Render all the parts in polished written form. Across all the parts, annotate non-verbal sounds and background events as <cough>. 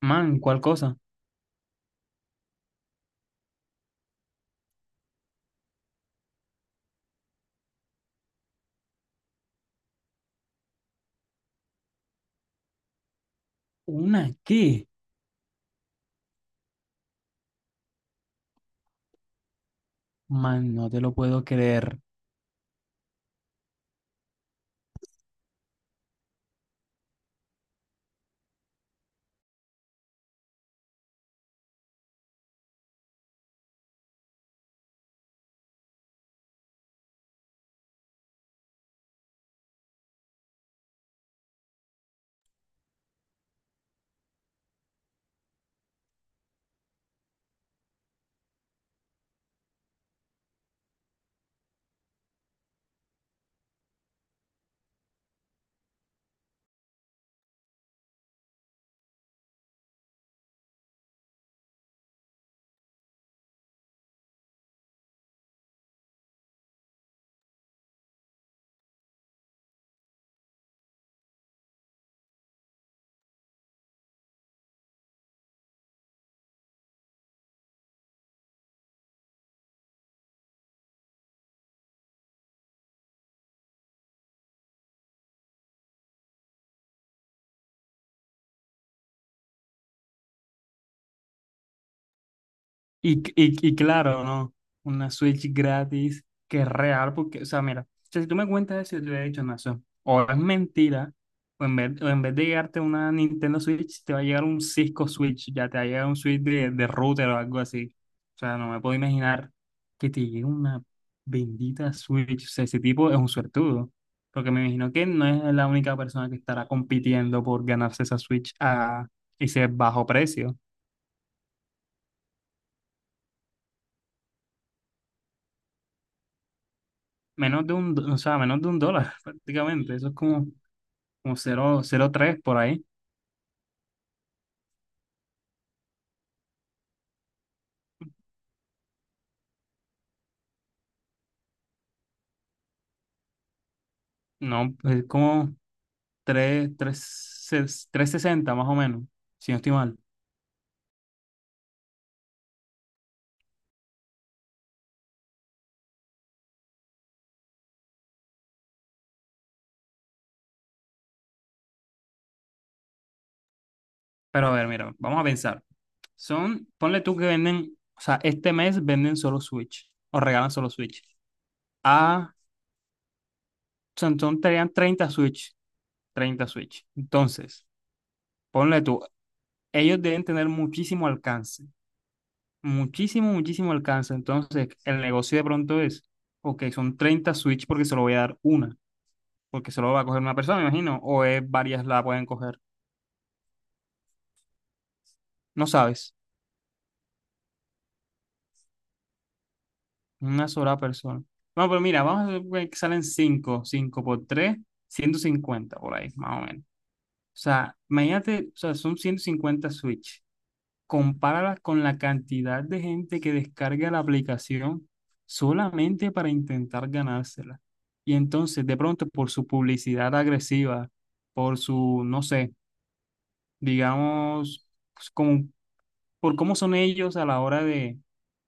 Man, ¿cuál cosa? ¿Una qué? Man, no te lo puedo creer. Y claro, ¿no? Una Switch gratis que es real, porque, o sea, mira, o sea, si tú me cuentas eso, yo te hubiera dicho, no, eso o es mentira, o en vez de llegarte una Nintendo Switch, te va a llegar un Cisco Switch, ya te va a llegar un Switch de router o algo así. O sea, no me puedo imaginar que te llegue una bendita Switch. O sea, ese tipo es un suertudo, porque me imagino que no es la única persona que estará compitiendo por ganarse esa Switch a ese bajo precio. Menos de un, o sea, menos de un dólar <laughs> prácticamente. Eso es como cero cero tres por ahí. No, es como 3, 360 más o menos, si no estoy mal. Pero a ver, mira, vamos a pensar. Son, ponle tú que venden, o sea, este mes venden solo Switch o regalan solo Switch. Ah, son tenían 30 Switch, 30 Switch. Entonces, ponle tú, ellos deben tener muchísimo alcance. Muchísimo, muchísimo alcance. Entonces, el negocio de pronto es, ok, son 30 Switch porque se lo voy a dar una, porque solo va a coger una persona, me imagino, o es varias la pueden coger. No sabes, una sola persona. No, pero mira, vamos a ver que salen 5 5 por tres 150 por ahí, más o menos. O sea, imagínate, o sea, son 150 Switch. Compáralas con la cantidad de gente que descarga la aplicación solamente para intentar ganársela. Y entonces, de pronto, por su publicidad agresiva, por su, no sé, digamos, pues, por cómo son ellos a la hora de,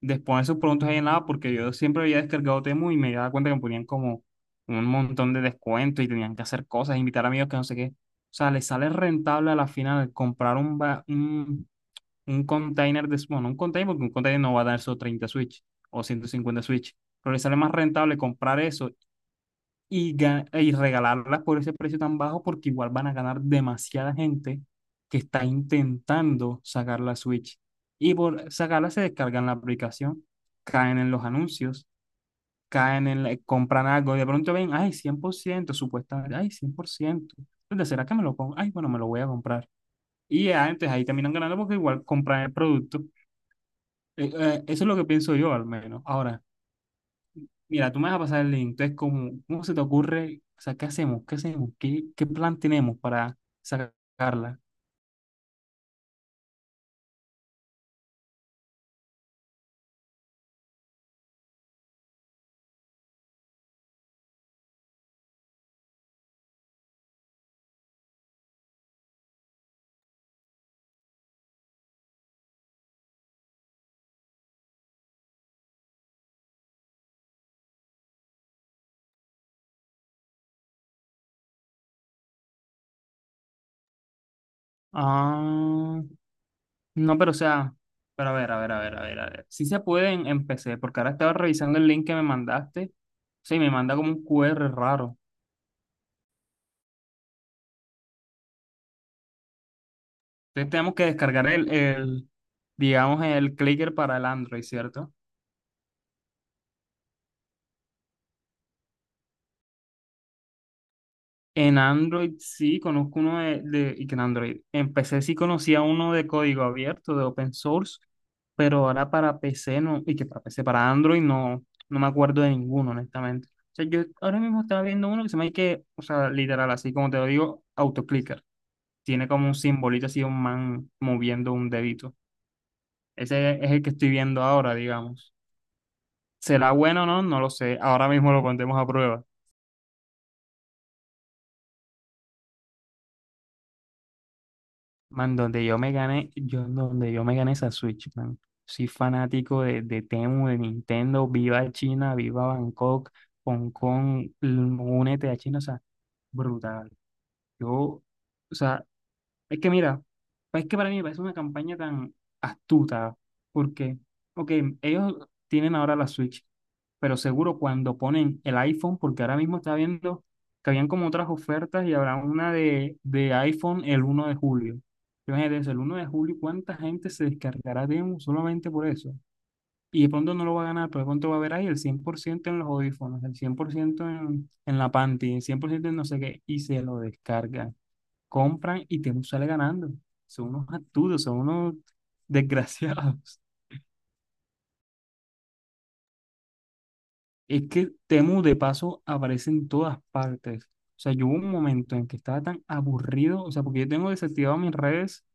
de exponer sus productos ahí en la app, porque yo siempre había descargado Temu y me daba cuenta que me ponían como un montón de descuentos y tenían que hacer cosas, invitar amigos que no sé qué. O sea, les sale rentable a la final comprar un container de, bueno, un container, porque un container no va a dar solo 30 Switch o 150 Switch, pero le sale más rentable comprar eso y, y regalarlas por ese precio tan bajo porque igual van a ganar demasiada gente que está intentando sacar la Switch. Y por sacarla se descargan la aplicación, caen en los anuncios, caen en, compran algo, y de pronto ven, ay, 100% supuestamente, ay, 100%. Entonces, ¿será que me lo pongo? Ay, bueno, me lo voy a comprar. Y ya, entonces ahí terminan ganando porque igual compran el producto. Eso es lo que pienso yo, al menos. Ahora, mira, tú me vas a pasar el link. Entonces, ¿cómo se te ocurre? O sea, ¿qué hacemos? ¿Qué hacemos? ¿Qué plan tenemos para sacarla? Ah, no, pero o sea, pero a ver, a ver, a ver, a ver, a ver. Sí se puede en, PC, porque ahora estaba revisando el link que me mandaste. Sí, me manda como un QR raro. Entonces, tenemos que descargar el digamos, el clicker para el Android, ¿cierto? En Android sí, conozco uno y que en Android. En PC sí conocía uno de código abierto, de open source, pero ahora para PC no, y que para PC, para Android no, no me acuerdo de ninguno, honestamente. O sea, yo ahora mismo estaba viendo uno que se me hay que, o sea, literal, así como te lo digo, autoclicker. Tiene como un simbolito así, un man moviendo un dedito. Ese es el que estoy viendo ahora, digamos. ¿Será bueno o no? No lo sé. Ahora mismo lo pondremos a prueba. Man, donde yo me gané esa Switch, man. Soy fanático de Temu, de Nintendo, viva China, viva Bangkok, Hong Kong, únete a China, o sea, brutal. Yo, o sea, es que mira, pues es que para mí me parece una campaña tan astuta, porque, ok, ellos tienen ahora la Switch, pero seguro cuando ponen el iPhone, porque ahora mismo estaba viendo que habían como otras ofertas y habrá una de iPhone el 1 de julio. Imagínate eso, el 1 de julio, ¿cuánta gente se descargará Demo solamente por eso? Y de pronto no lo va a ganar, pero de pronto va a haber ahí el 100% en los audífonos, el 100% en la panty, el 100% en no sé qué, y se lo descarga compran y Temu sale ganando. Son unos absurdos, son unos <laughs> desgraciados. Es que Temu de paso aparece en todas partes. O sea, yo hubo un momento en que estaba tan aburrido, o sea, porque yo tengo desactivado mis redes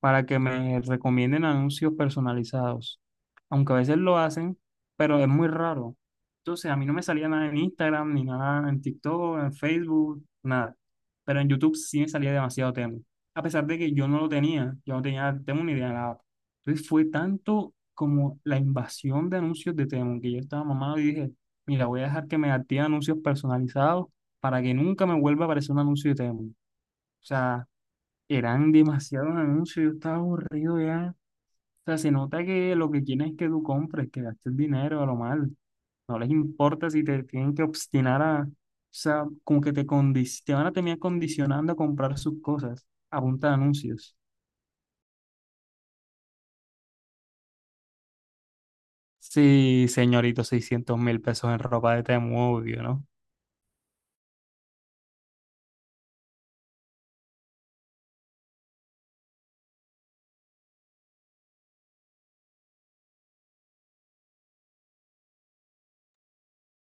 para que me recomienden anuncios personalizados. Aunque a veces lo hacen, pero es muy raro. Entonces, a mí no me salía nada en Instagram, ni nada en TikTok, en Facebook, nada. Pero en YouTube sí me salía demasiado Temu. A pesar de que yo no lo tenía, yo no tenía Temu ni idea de nada. Entonces, fue tanto como la invasión de anuncios de Temu que yo estaba mamado y dije, mira, voy a dejar que me active anuncios personalizados para que nunca me vuelva a aparecer un anuncio de Temu. O sea, eran demasiados anuncios, yo estaba aburrido ya. O sea, se nota que lo que quieren es que tú compres, que gastes dinero a lo mal. No les importa si te tienen que obstinar a, o sea, como que te van a terminar condicionando a comprar sus cosas a punta de anuncios. Sí, señorito, 600.000 pesos en ropa de Temu, obvio, ¿no?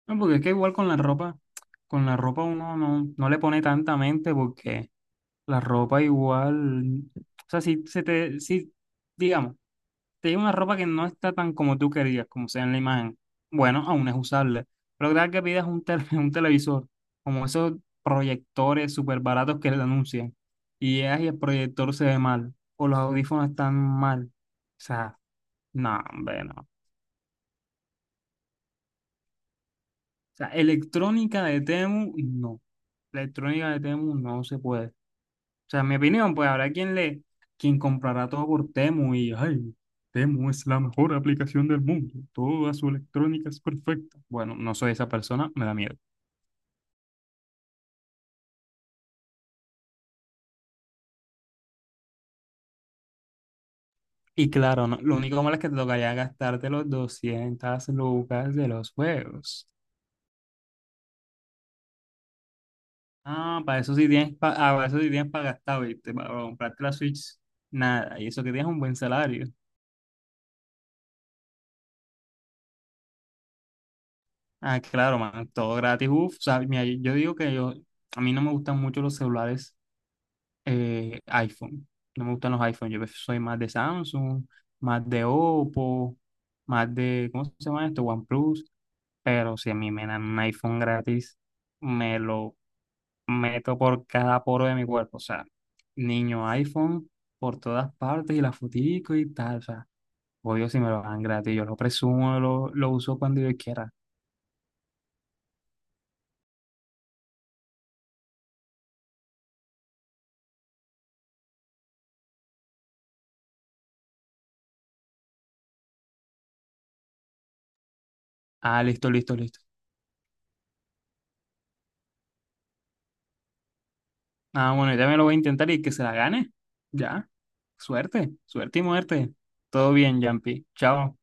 No, porque es que igual con la ropa uno no le pone tanta mente porque la ropa igual, o sea, si, digamos, te llega una ropa que no está tan como tú querías, como sea en la imagen. Bueno, aún es usable. Pero cada que pidas <laughs> un televisor, como esos proyectores súper baratos que le anuncian, y llegas y el proyector se ve mal, o los audífonos están mal. O sea, no, hombre, no. O sea, electrónica de Temu, no. La electrónica de Temu no se puede. O sea, en mi opinión, pues habrá quien comprará todo por Temu y, ay, Temu es la mejor aplicación del mundo, toda su electrónica es perfecta. Bueno, no soy esa persona, me da miedo. Y claro, lo único malo es que te tocaría gastarte los 200 lucas de los juegos. Ah, para eso sí tienes, para eso sí tienes para gastar, ¿viste? Para comprarte la Switch, nada, y eso que tienes un buen salario. Ah, claro, man, todo gratis, uff, o sea, mira, yo digo que yo, a mí no me gustan mucho los celulares iPhone. No me gustan los iPhone. Yo soy más de Samsung, más de Oppo, más de, ¿cómo se llama esto? OnePlus. Pero si a mí me dan un iPhone gratis, me lo meto por cada poro de mi cuerpo. O sea, niño iPhone por todas partes y la fotico y tal. O sea, obvio si me lo dan gratis. Yo lo presumo, lo uso cuando yo quiera. Ah, listo, listo, listo. Ah, bueno, ya me lo voy a intentar y que se la gane. Ya. Suerte, suerte y muerte. Todo bien, Jampi. Chao.